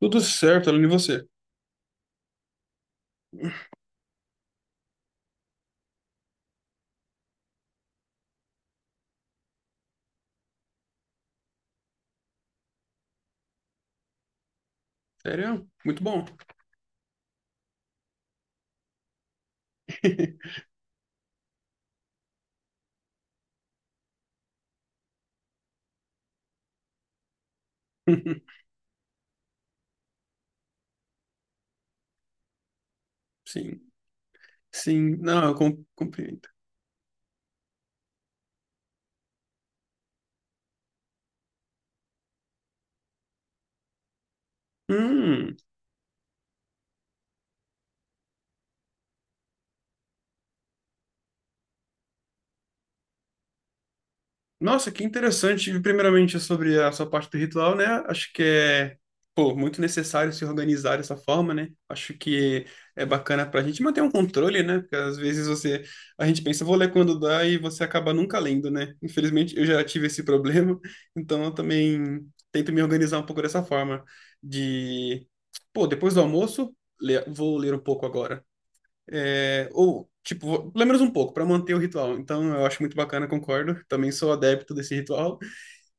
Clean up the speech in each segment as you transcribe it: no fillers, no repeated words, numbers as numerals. Tudo certo, Aline, e você? Sério? Muito bom. Sim, sim. Não, eu compreendo. Hum. Nossa, que interessante. Primeiramente, sobre a sua parte do ritual, né? Pô, muito necessário se organizar dessa forma, né? Acho que é bacana pra gente manter um controle, né? Porque às a gente pensa, vou ler quando dá e você acaba nunca lendo, né? Infelizmente, eu já tive esse problema, então eu também tento me organizar um pouco dessa forma de, pô, depois do almoço, vou ler um pouco agora. É, ou, tipo, pelo menos um pouco, para manter o ritual. Então, eu acho muito bacana, concordo. Também sou adepto desse ritual.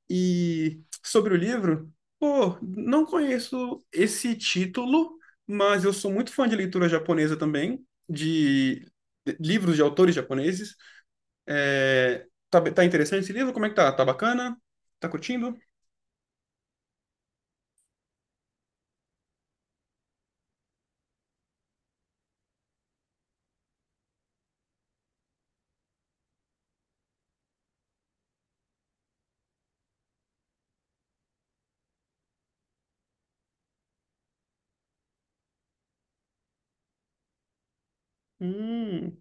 E sobre o livro, pô, não conheço esse título, mas eu sou muito fã de leitura japonesa também, de livros de autores japoneses. É, tá interessante esse livro? Como é que tá? Tá bacana? Tá curtindo? Hum,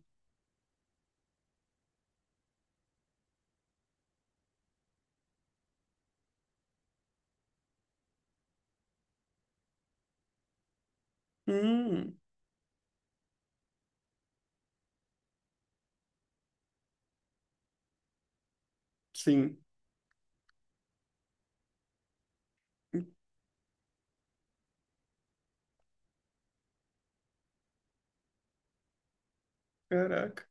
hum, sim. Caraca.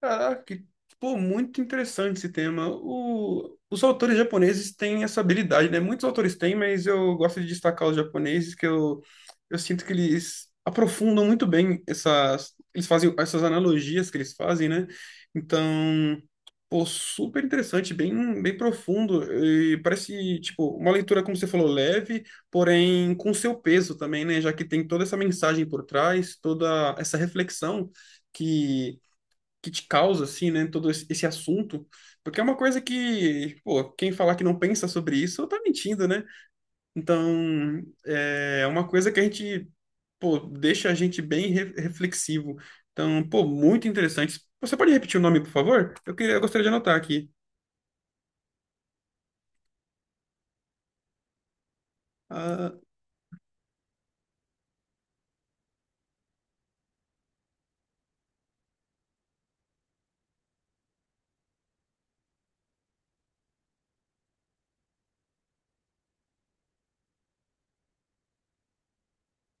Caraca, pô, muito interessante esse tema. Os autores japoneses têm essa habilidade, né? Muitos autores têm, mas eu gosto de destacar os japoneses, eu sinto que eles aprofundam muito bem essas, eles fazem essas analogias que eles fazem, né? Então, pô, super interessante, bem, bem profundo e parece, tipo, uma leitura, como você falou, leve, porém com seu peso também, né? Já que tem toda essa mensagem por trás, toda essa reflexão que que te causa, assim, né, todo esse assunto, porque é uma coisa que, pô, quem falar que não pensa sobre isso, tá mentindo, né? Então, é uma coisa que a gente, pô, deixa a gente bem reflexivo. Então, pô, muito interessante. Você pode repetir o nome, por favor? Eu queria, eu gostaria de anotar aqui. Ah,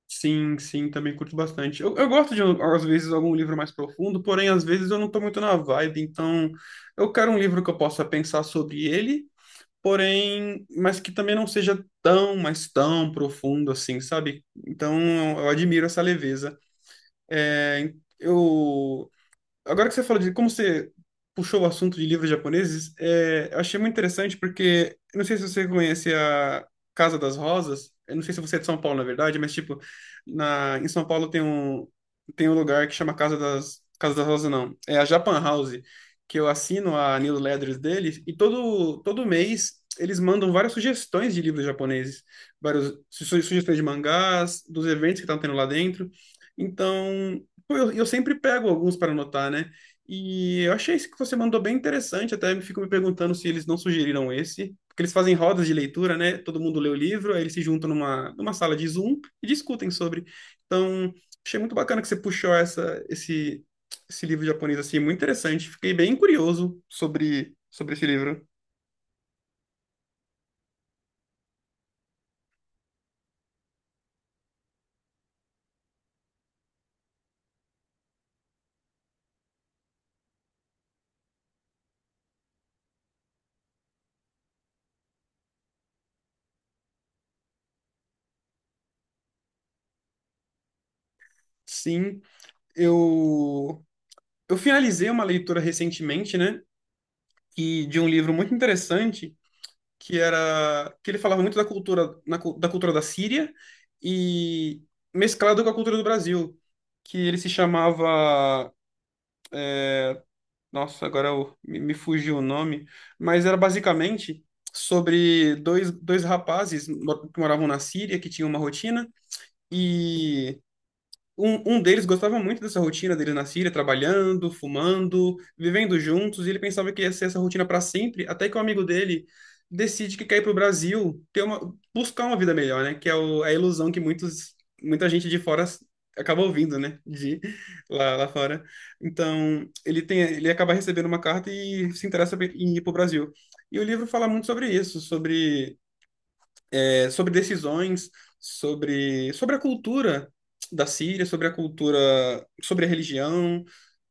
sim, sim, também curto bastante. Eu gosto de, às vezes, algum livro mais profundo, porém, às vezes eu não tô muito na vibe, então eu quero um livro que eu possa pensar sobre ele porém, mas que também não seja tão, mas tão profundo assim, sabe? Então, eu admiro essa leveza. É, eu agora que você falou de como você puxou o assunto de livros japoneses, é, eu achei muito interessante porque, eu não sei se você conhece a Casa das Rosas, eu não sei se você é de São Paulo, na verdade, mas, tipo, em São Paulo tem um lugar que chama Casa das Rosas, não, é a Japan House, que eu assino a newsletters deles, e todo mês eles mandam várias sugestões de livros japoneses, várias sugestões de mangás, dos eventos que estão tendo lá dentro, então... Pô, eu sempre pego alguns para anotar, né? E eu achei esse que você mandou bem interessante, até me fico me perguntando se eles não sugeriram esse, porque eles fazem rodas de leitura, né? Todo mundo lê o livro, aí eles se juntam numa sala de Zoom e discutem sobre. Então, achei muito bacana que você puxou esse livro japonês assim, muito interessante. Fiquei bem curioso sobre, sobre esse livro. Sim, eu, eu finalizei uma leitura recentemente, né? E de um livro muito interessante que era que ele falava muito da cultura da cultura da Síria e mesclado com a cultura do Brasil, que ele se chamava, nossa, me fugiu o nome, mas era basicamente sobre dois rapazes que moravam na Síria, que tinham uma rotina e um deles gostava muito dessa rotina dele na Síria, trabalhando, fumando, vivendo juntos, e ele pensava que ia ser essa rotina para sempre, até que um amigo dele decide que quer ir para o Brasil, ter uma, buscar uma vida melhor, né? Que é o, é a ilusão que muitos, muita gente de fora acaba ouvindo, né? De lá fora. Então, ele tem, ele acaba recebendo uma carta e se interessa em ir para o Brasil. E o livro fala muito sobre isso, sobre é, sobre decisões, sobre, sobre a cultura da Síria, sobre a cultura, sobre a religião,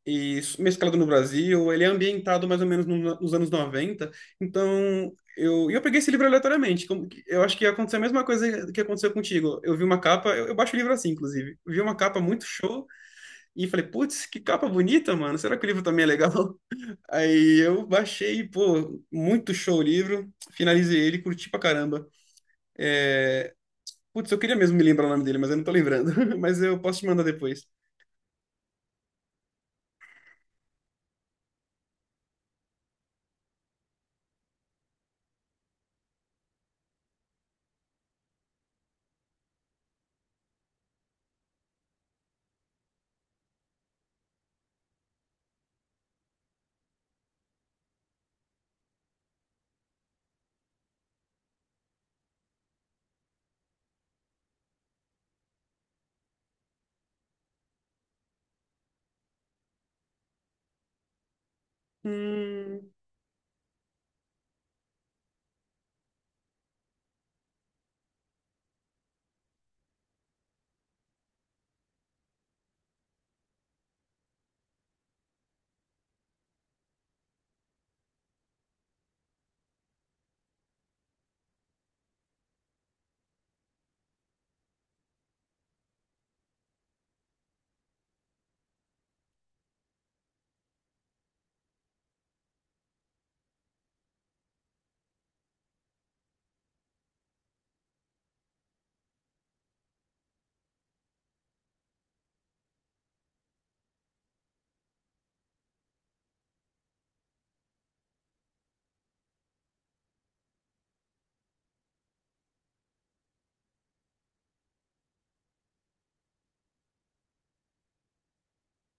e mesclado no Brasil. Ele é ambientado mais ou menos nos anos noventa. Então, e eu peguei esse livro aleatoriamente. Eu acho que aconteceu a mesma coisa que aconteceu contigo. Eu vi uma capa, eu baixo o livro assim, inclusive. Eu vi uma capa muito show e falei, putz, que capa bonita, mano. Será que o livro também é legal? Aí eu baixei, pô, muito show o livro. Finalizei ele, curti pra caramba. Putz, eu queria mesmo me lembrar o nome dele, mas eu não tô lembrando. Mas eu posso te mandar depois. Hum,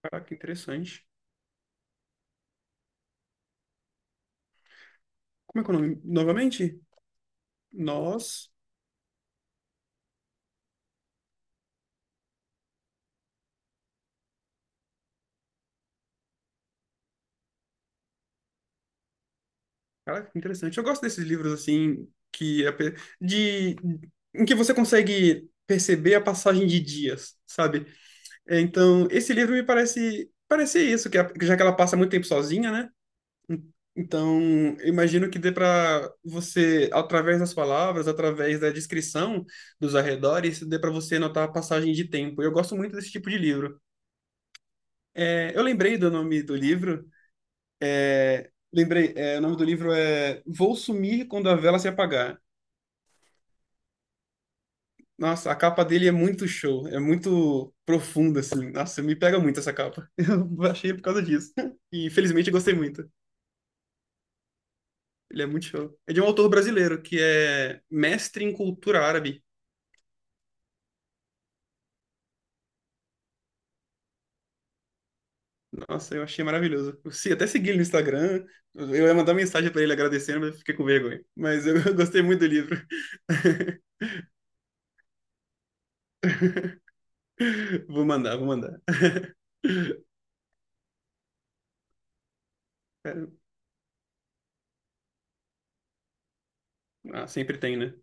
caraca, que interessante. Como é que é o nome? Novamente? Nós. Caraca, que interessante. Eu gosto desses livros assim de em que você consegue perceber a passagem de dias, sabe? É, então, esse livro me parece isso, já que ela passa muito tempo sozinha, né? Então, eu imagino que dê para você, através das palavras, através da descrição dos arredores, dê para você notar a passagem de tempo. Eu gosto muito desse tipo de livro. É, eu lembrei do nome do livro. Lembrei, é, o nome do livro é Vou Sumir Quando a Vela Se Apagar. Nossa, a capa dele é muito show, é muito profunda, assim. Nossa, me pega muito essa capa. Eu achei por causa disso. E felizmente eu gostei muito. Ele é muito show. É de um autor brasileiro que é mestre em cultura árabe. Nossa, eu achei maravilhoso. Eu até segui ele no Instagram. Eu ia mandar mensagem pra ele agradecendo, mas eu fiquei com vergonha. Mas eu gostei muito do livro. Vou mandar. É, ah, sempre tem, né?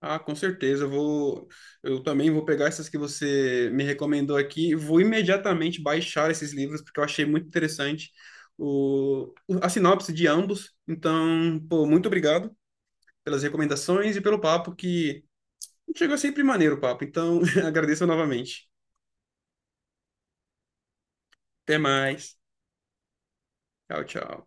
Ah, com certeza. Eu também vou pegar essas que você me recomendou aqui. Vou imediatamente baixar esses livros porque eu achei muito interessante a sinopse de ambos. Então, pô, muito obrigado pelas recomendações e pelo papo que chegou sempre maneiro o papo. Então, agradeço novamente. Até mais. Tchau, tchau.